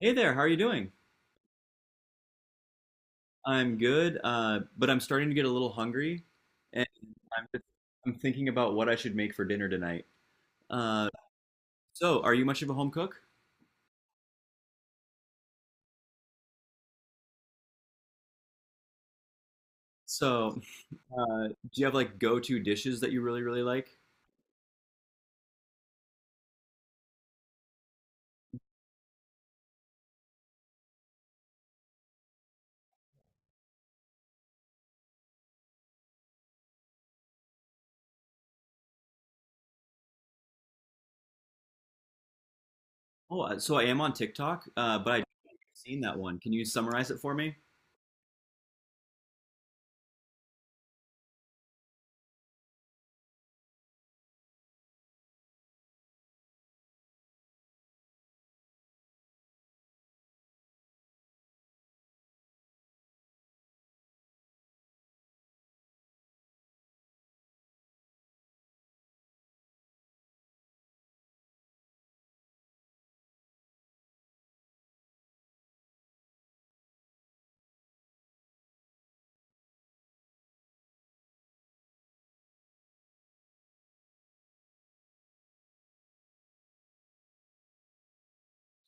Hey there, how are you doing? I'm good, but I'm starting to get a little hungry, and I'm just, I'm thinking about what I should make for dinner tonight. Uh, so, are you much of a home cook? So, do you have like go-to dishes that you really, really like? Oh, so I am on TikTok, but I haven't seen that one. Can you summarize it for me?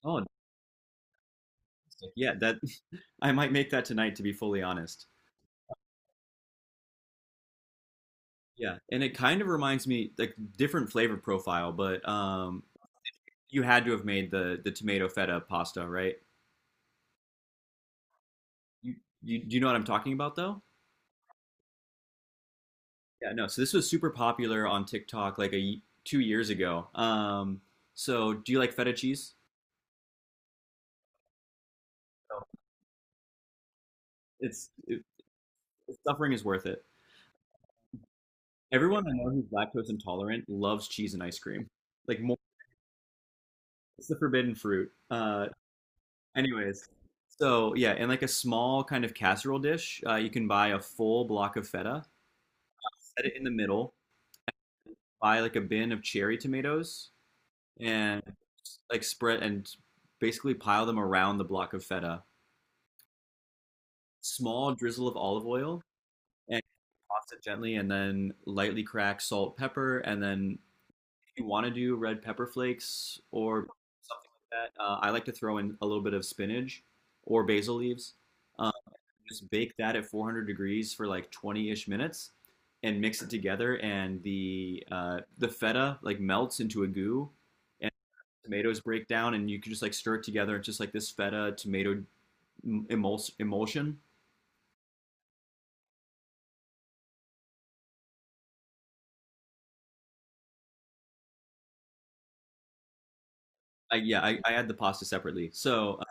Oh, fantastic. Yeah, that I might make that tonight, to be fully honest. Yeah, and it kind of reminds me like different flavor profile, but you had to have made the tomato feta pasta, right? You, you do you know what I'm talking about though? Yeah, no. So this was super popular on TikTok like 2 years ago. So do you like feta cheese? No. It's it, Suffering is worth it. Everyone I know who's lactose intolerant loves cheese and ice cream. Like more, it's the forbidden fruit. Anyways, so yeah, in like a small kind of casserole dish, you can buy a full block of feta, set it in the middle, buy like a bin of cherry tomatoes, and like spread and basically pile them around the block of feta. Small drizzle of olive oil and toss it gently, and then lightly crack salt, pepper, and then if you want to do red pepper flakes or something like that, I like to throw in a little bit of spinach or basil leaves. Um, just bake that at 400 degrees for like 20-ish minutes and mix it together, and the feta like melts into a goo, tomatoes break down and you can just like stir it together. It's just like this feta tomato emulsion. Yeah, I add the pasta separately.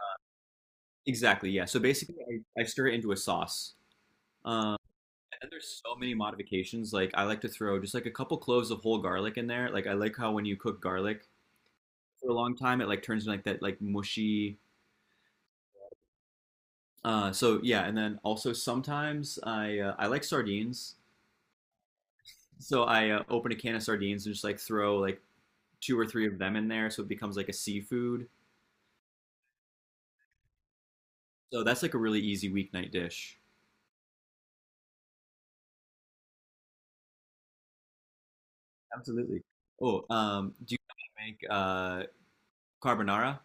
Exactly, yeah. So basically, I stir it into a sauce. Um, and there's so many modifications. Like I like to throw just like a couple cloves of whole garlic in there. Like I like how when you cook garlic for a long time, it like turns into like that like mushy. So yeah, and then also sometimes I like sardines. So I open a can of sardines and just like throw like two or three of them in there, so it becomes like a seafood. So that's like a really easy weeknight dish. Absolutely. Oh, do you know how to make carbonara?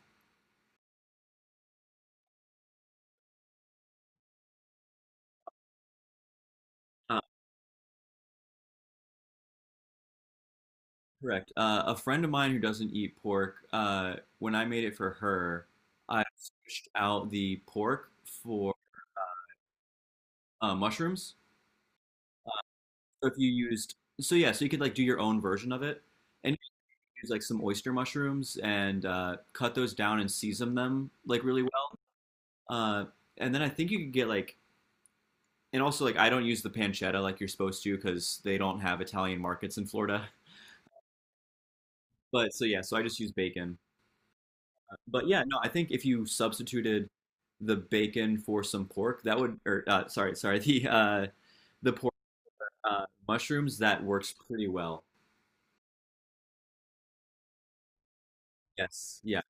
Uh, Correct. A friend of mine who doesn't eat pork, when I made it for her, I switched out the pork for mushrooms. So if you used, So yeah, so you could like do your own version of it, and you could use like some oyster mushrooms and cut those down and season them like really well. Uh, and then I think you could get like, and also like I don't use the pancetta like you're supposed to because they don't have Italian markets in Florida. But so yeah, so I just use bacon. But yeah, no, I think if you substituted the bacon for some pork, that would or sorry, sorry, the pork, mushrooms, that works pretty well. Yes, yeah.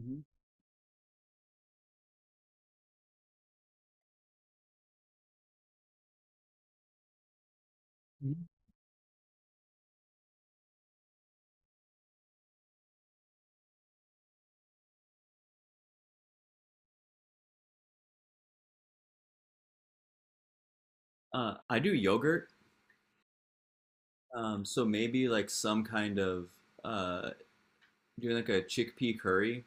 Mhm. Mhm. I do yogurt. So maybe like some kind of uh doing like a chickpea curry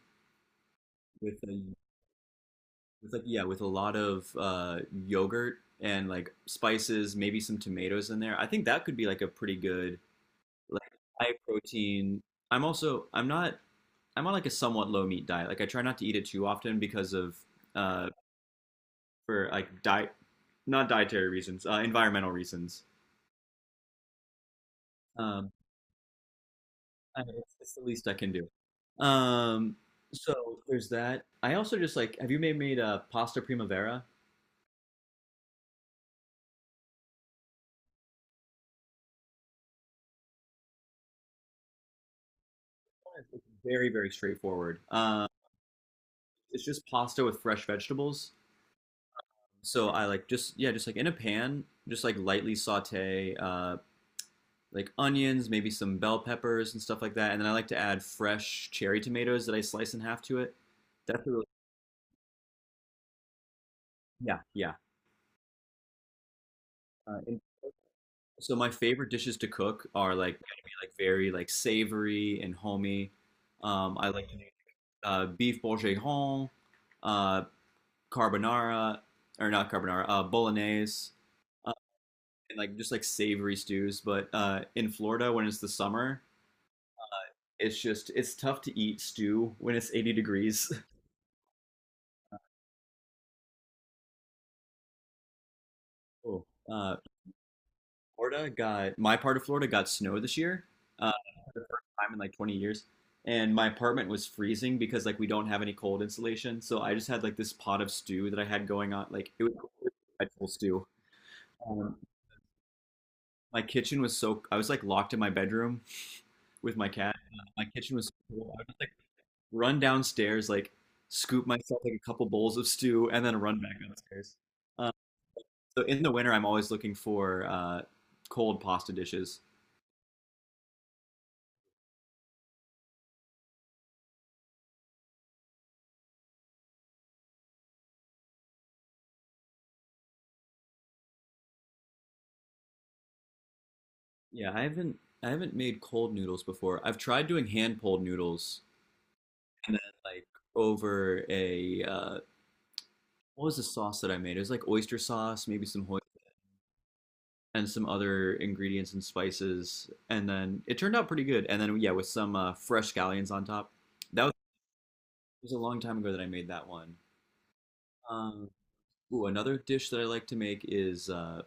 with a with like yeah, with a lot of yogurt and like spices, maybe some tomatoes in there. I think that could be like a pretty good like high protein. I'm not, I'm on like a somewhat low meat diet. Like I try not to eat it too often because of uh for like diet not dietary reasons, environmental reasons. Um, I it's the least I can do. Um, so there's that. I also just like have you made a pasta primavera? It's very very straightforward. It's just pasta with fresh vegetables. So I like just yeah, just like in a pan, just like lightly saute like onions, maybe some bell peppers and stuff like that, and then I like to add fresh cherry tomatoes that I slice in half to it. That's a really Yeah, yeah. And so my favorite dishes to cook are like gonna be like very like savory and homey. I like to do beef bourguignon, uh, carbonara or not carbonara, bolognese. And like just like savory stews. But in Florida, when it's the summer, it's tough to eat stew when it's 80 degrees. Oh. Uh, Florida got My part of Florida got snow this year, uh, for the first time in like 20 years, and my apartment was freezing because like we don't have any cold insulation. So I just had like this pot of stew that I had going on, like it was vegetable stew. Um, my kitchen was so I was like locked in my bedroom with my cat. My kitchen was so cold. I would just like run downstairs, like scoop myself like a couple bowls of stew, and then run back downstairs. Uh, so in the winter, I'm always looking for cold pasta dishes. Yeah, I haven't made cold noodles before. I've tried doing hand pulled noodles, and then like over a what was the sauce that I made? It was like oyster sauce, maybe some hoi and some other ingredients and spices, and then it turned out pretty good. And then yeah, with some fresh scallions on top. That was, it was a long time ago that I made that one. Um, Ooh, another dish that I like to make is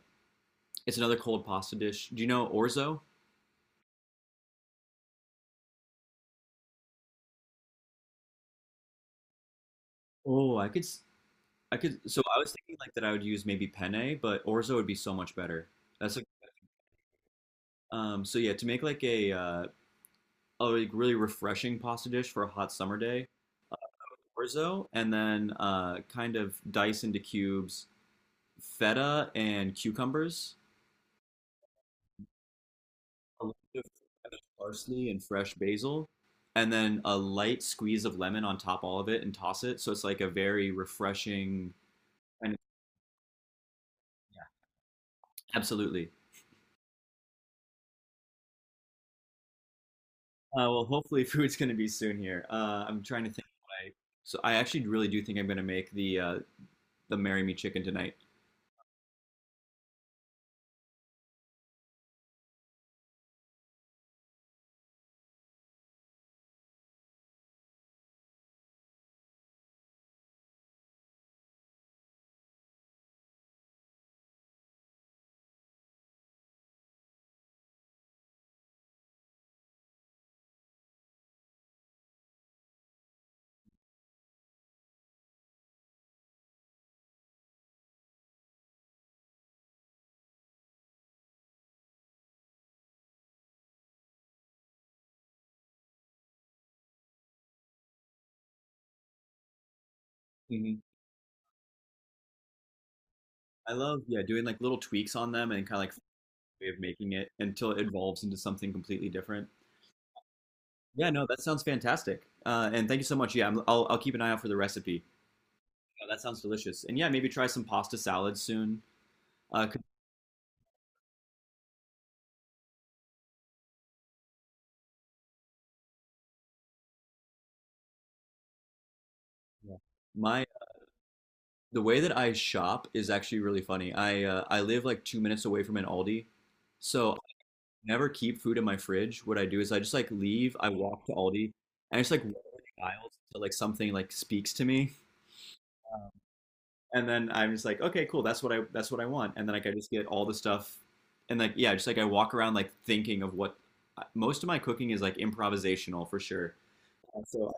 it's another cold pasta dish. Do you know orzo? Oh, I could. So I was thinking like that I would use maybe penne, but orzo would be so much better. That's like, So yeah, to make like a like, really refreshing pasta dish for a hot summer day, orzo, and then kind of dice into cubes feta and cucumbers, a little bit of fresh parsley and fresh basil, and then a light squeeze of lemon on top all of it and toss it. So it's like a very refreshing kind of, yeah, absolutely. Well, hopefully food's going to be soon here. I'm trying to think what I, So I actually really do think I'm going to make the Marry Me chicken tonight. Hmm. I love, yeah, doing like little tweaks on them and kind of like way of making it until it evolves into something completely different. Yeah, no, that sounds fantastic. And thank you so much. Yeah, I'll keep an eye out for the recipe. Oh, that sounds delicious. And yeah, maybe try some pasta salad soon. 'Cause my the way that I shop is actually really funny. I live like 2 minutes away from an Aldi, so I never keep food in my fridge. What I do is I just like leave. I walk to Aldi and I just like walk the aisles until like something like speaks to me, and then I'm just like, okay, cool. That's what I want. And then like I just get all the stuff, and like yeah, just like I walk around like thinking of what most of my cooking is like improvisational for sure. Uh, So.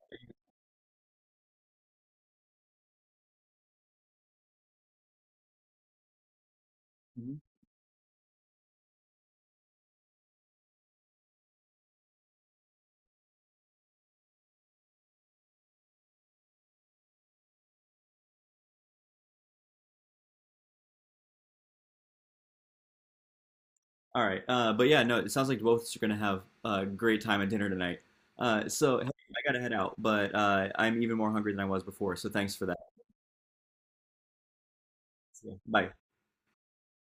All right. But yeah, no, it sounds like both of us are gonna have a great time at dinner tonight. So hey, I gotta head out, but I'm even more hungry than I was before. So thanks for that. Bye.